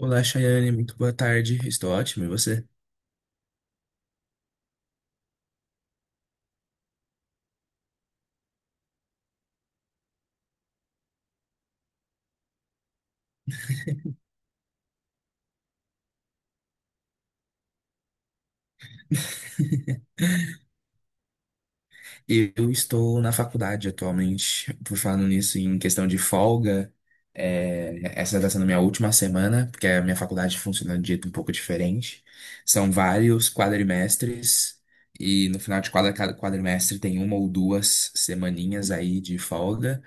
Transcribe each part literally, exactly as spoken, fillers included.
Olá, Chayane, muito boa tarde. Estou ótimo, e você? Eu estou na faculdade atualmente, por falando nisso, em questão de folga. É, essa está sendo minha última semana, porque a minha faculdade funciona de um jeito um pouco diferente. São vários quadrimestres, e no final de quadra- cada quadrimestre tem uma ou duas semaninhas aí de folga,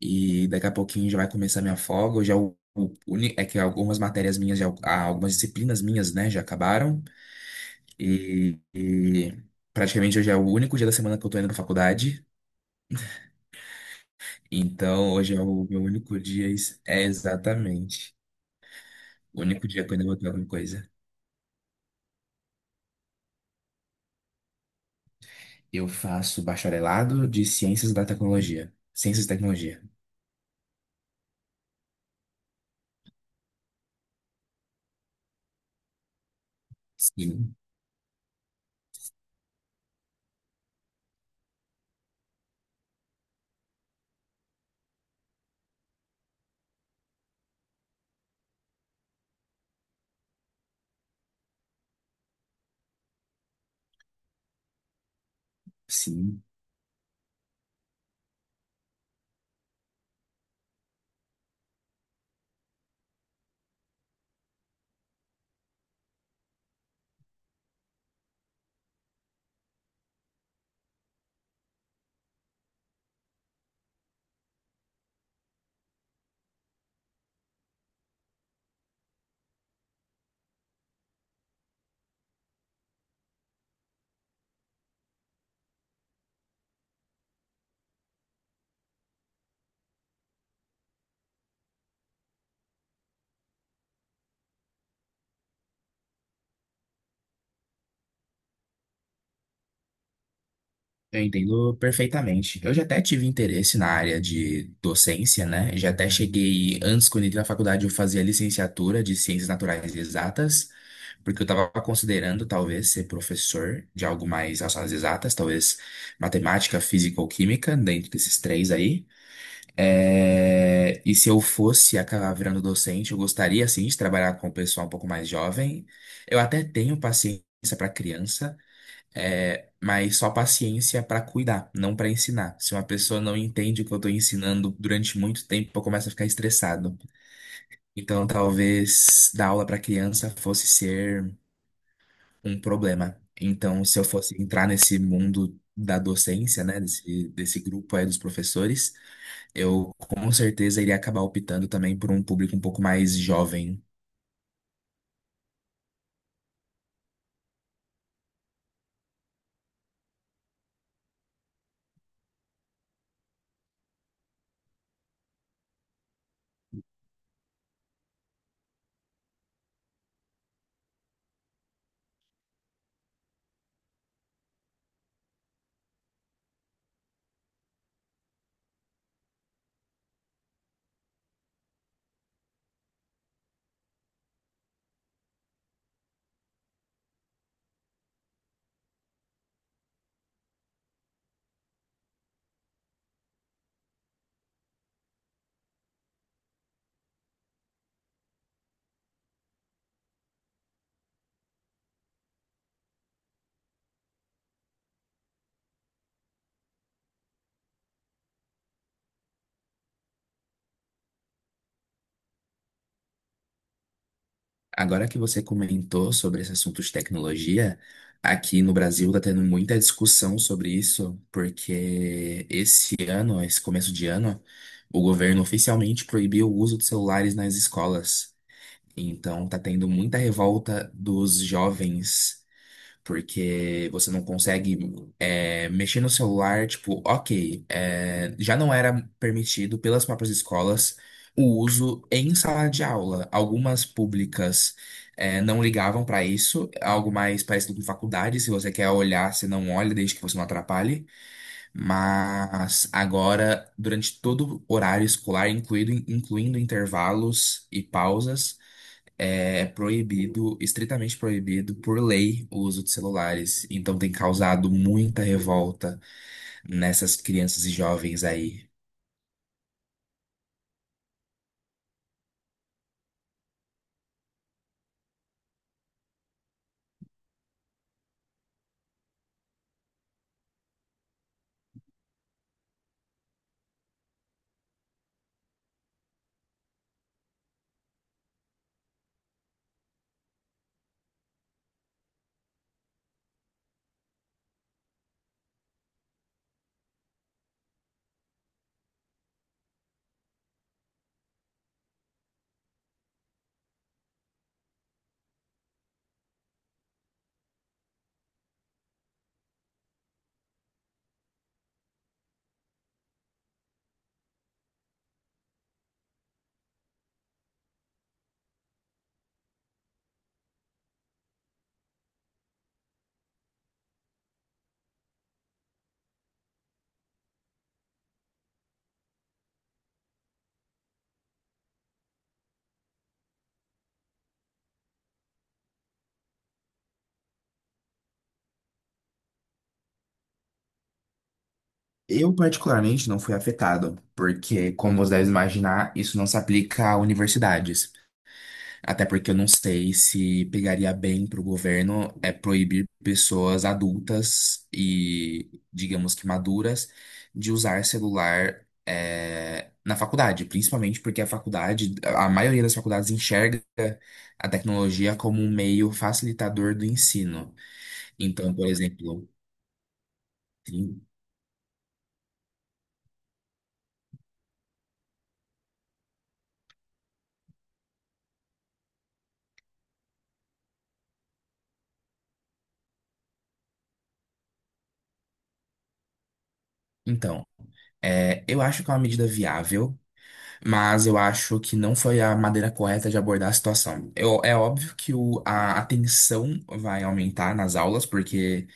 e daqui a pouquinho já vai começar minha folga. Eu já, o- o- uni- é que algumas matérias minhas, já, ah, algumas disciplinas minhas, né, já acabaram. E, e praticamente hoje é o único dia da semana que eu tô indo pra faculdade. Então hoje é o meu único dia. ex- É exatamente. O único dia que eu ainda vou ter alguma coisa. Eu faço bacharelado de Ciências da Tecnologia. Ciências e Tecnologia. Sim, sim. Eu entendo perfeitamente. Eu já até tive interesse na área de docência, né? Já até cheguei, antes, quando entrei na faculdade, eu fazia licenciatura de Ciências Naturais e Exatas. Porque eu estava considerando talvez ser professor de algo mais relacionado às exatas, talvez matemática, física ou química, dentro desses três aí. É, E se eu fosse acabar virando docente, eu gostaria sim de trabalhar com o pessoal um pouco mais jovem. Eu até tenho paciência para criança, é, mas só paciência para cuidar, não para ensinar. Se uma pessoa não entende o que eu estou ensinando durante muito tempo, eu começo a ficar estressado. Então, talvez dar aula para criança fosse ser um problema. Então, se eu fosse entrar nesse mundo da docência, né, desse, desse grupo aí dos professores, eu com certeza iria acabar optando também por um público um pouco mais jovem. Agora que você comentou sobre esse assunto de tecnologia, aqui no Brasil está tendo muita discussão sobre isso, porque esse ano, esse começo de ano, o governo oficialmente proibiu o uso de celulares nas escolas. Então, tá tendo muita revolta dos jovens porque você não consegue é, mexer no celular, tipo, ok, é, já não era permitido pelas próprias escolas o uso em sala de aula. Algumas públicas é, não ligavam para isso, algo mais parecido com faculdade, se você quer olhar, você não olha, desde que você não atrapalhe. Mas agora, durante todo o horário escolar, incluindo, incluindo intervalos e pausas, é proibido, estritamente proibido por lei o uso de celulares. Então tem causado muita revolta nessas crianças e jovens aí. Eu, particularmente, não fui afetado, porque, como você deve imaginar, isso não se aplica a universidades. Até porque eu não sei se pegaria bem para o governo é proibir pessoas adultas e, digamos que maduras, de usar celular é, na faculdade, principalmente porque a faculdade, a maioria das faculdades enxerga a tecnologia como um meio facilitador do ensino. Então, por exemplo, sim, então, é, eu acho que é uma medida viável. Mas eu acho que não foi a maneira correta de abordar a situação. Eu- é óbvio que o- a atenção vai aumentar nas aulas, porque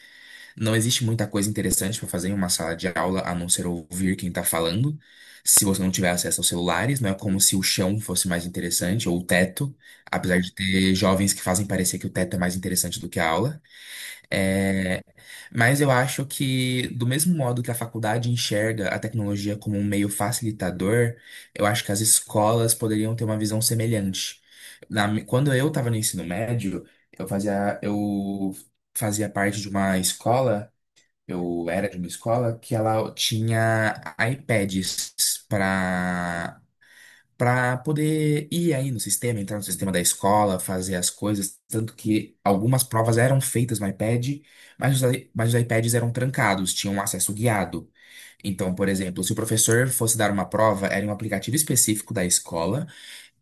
não existe muita coisa interessante para fazer em uma sala de aula a não ser ouvir quem está falando. Se você não tiver acesso aos celulares, não é como se o chão fosse mais interessante, ou o teto, apesar de ter jovens que fazem parecer que o teto é mais interessante do que a aula. É, mas eu acho que, do mesmo modo que a faculdade enxerga a tecnologia como um meio facilitador, eu acho que as escolas poderiam ter uma visão semelhante. Na mi- quando eu estava no ensino médio, eu fazia, eu fazia parte de uma escola, eu era de uma escola que ela tinha iPads para para poder ir aí no sistema, entrar no sistema da escola, fazer as coisas. Tanto que algumas provas eram feitas no iPad, mas os, i- mas os iPads eram trancados, tinham acesso guiado. Então, por exemplo, se o professor fosse dar uma prova, era em um aplicativo específico da escola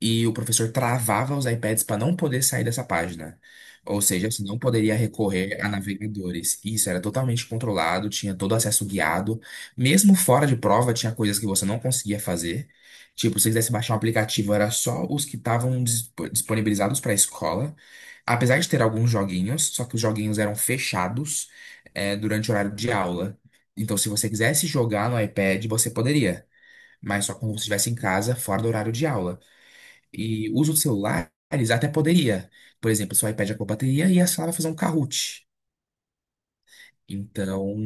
e o professor travava os iPads para não poder sair dessa página. Ou seja, você não poderia recorrer a navegadores. Isso era totalmente controlado, tinha todo acesso guiado. Mesmo fora de prova, tinha coisas que você não conseguia fazer. Tipo, se você quisesse baixar um aplicativo, era só os que estavam dispo- disponibilizados para a escola. Apesar de ter alguns joguinhos, só que os joguinhos eram fechados, eh, durante o horário de aula. Então, se você quisesse jogar no iPad, você poderia, mas só quando você estivesse em casa, fora do horário de aula. E uso de celulares até poderia. Por exemplo, se o iPad acabou a bateria e a sala vai fazer um Kahoot. Então,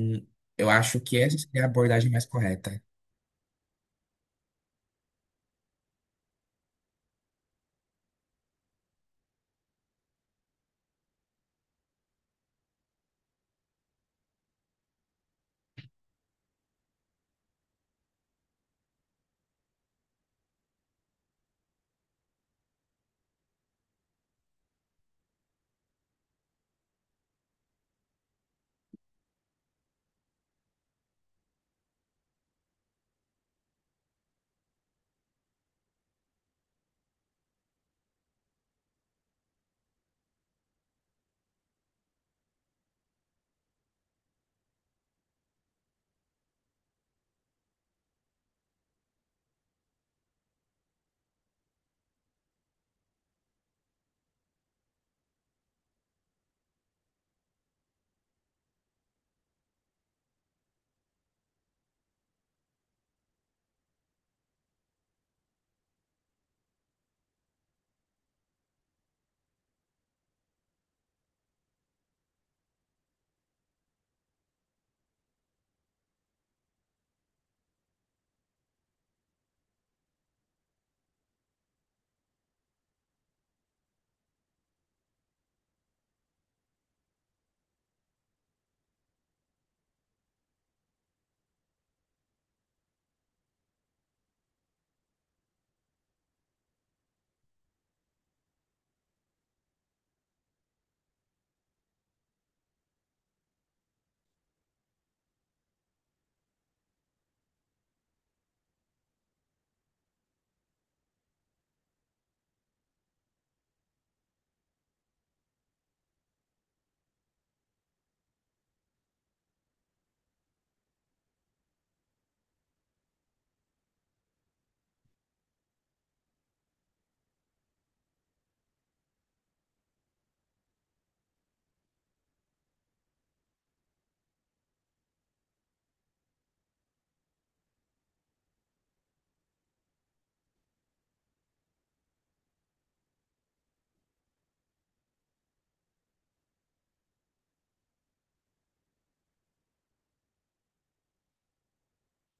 eu acho que essa seria a abordagem mais correta.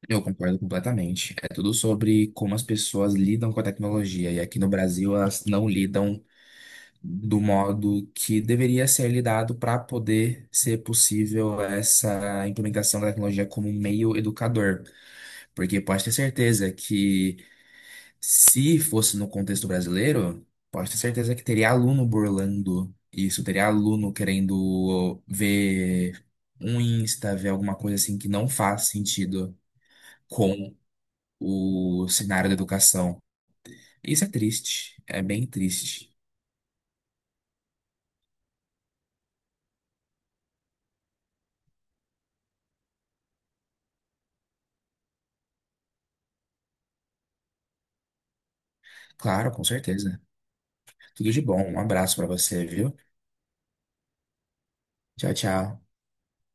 Eu concordo completamente. É tudo sobre como as pessoas lidam com a tecnologia. E aqui no Brasil, elas não lidam do modo que deveria ser lidado para poder ser possível essa implementação da tecnologia como um meio educador. Porque pode ter certeza que se fosse no contexto brasileiro, pode ter certeza que teria aluno burlando isso, teria aluno querendo ver um Insta, ver alguma coisa assim que não faz sentido com o cenário da educação. Isso é triste, é bem triste. Claro, com certeza. Tudo de bom, um abraço pra você, viu? Tchau, tchau.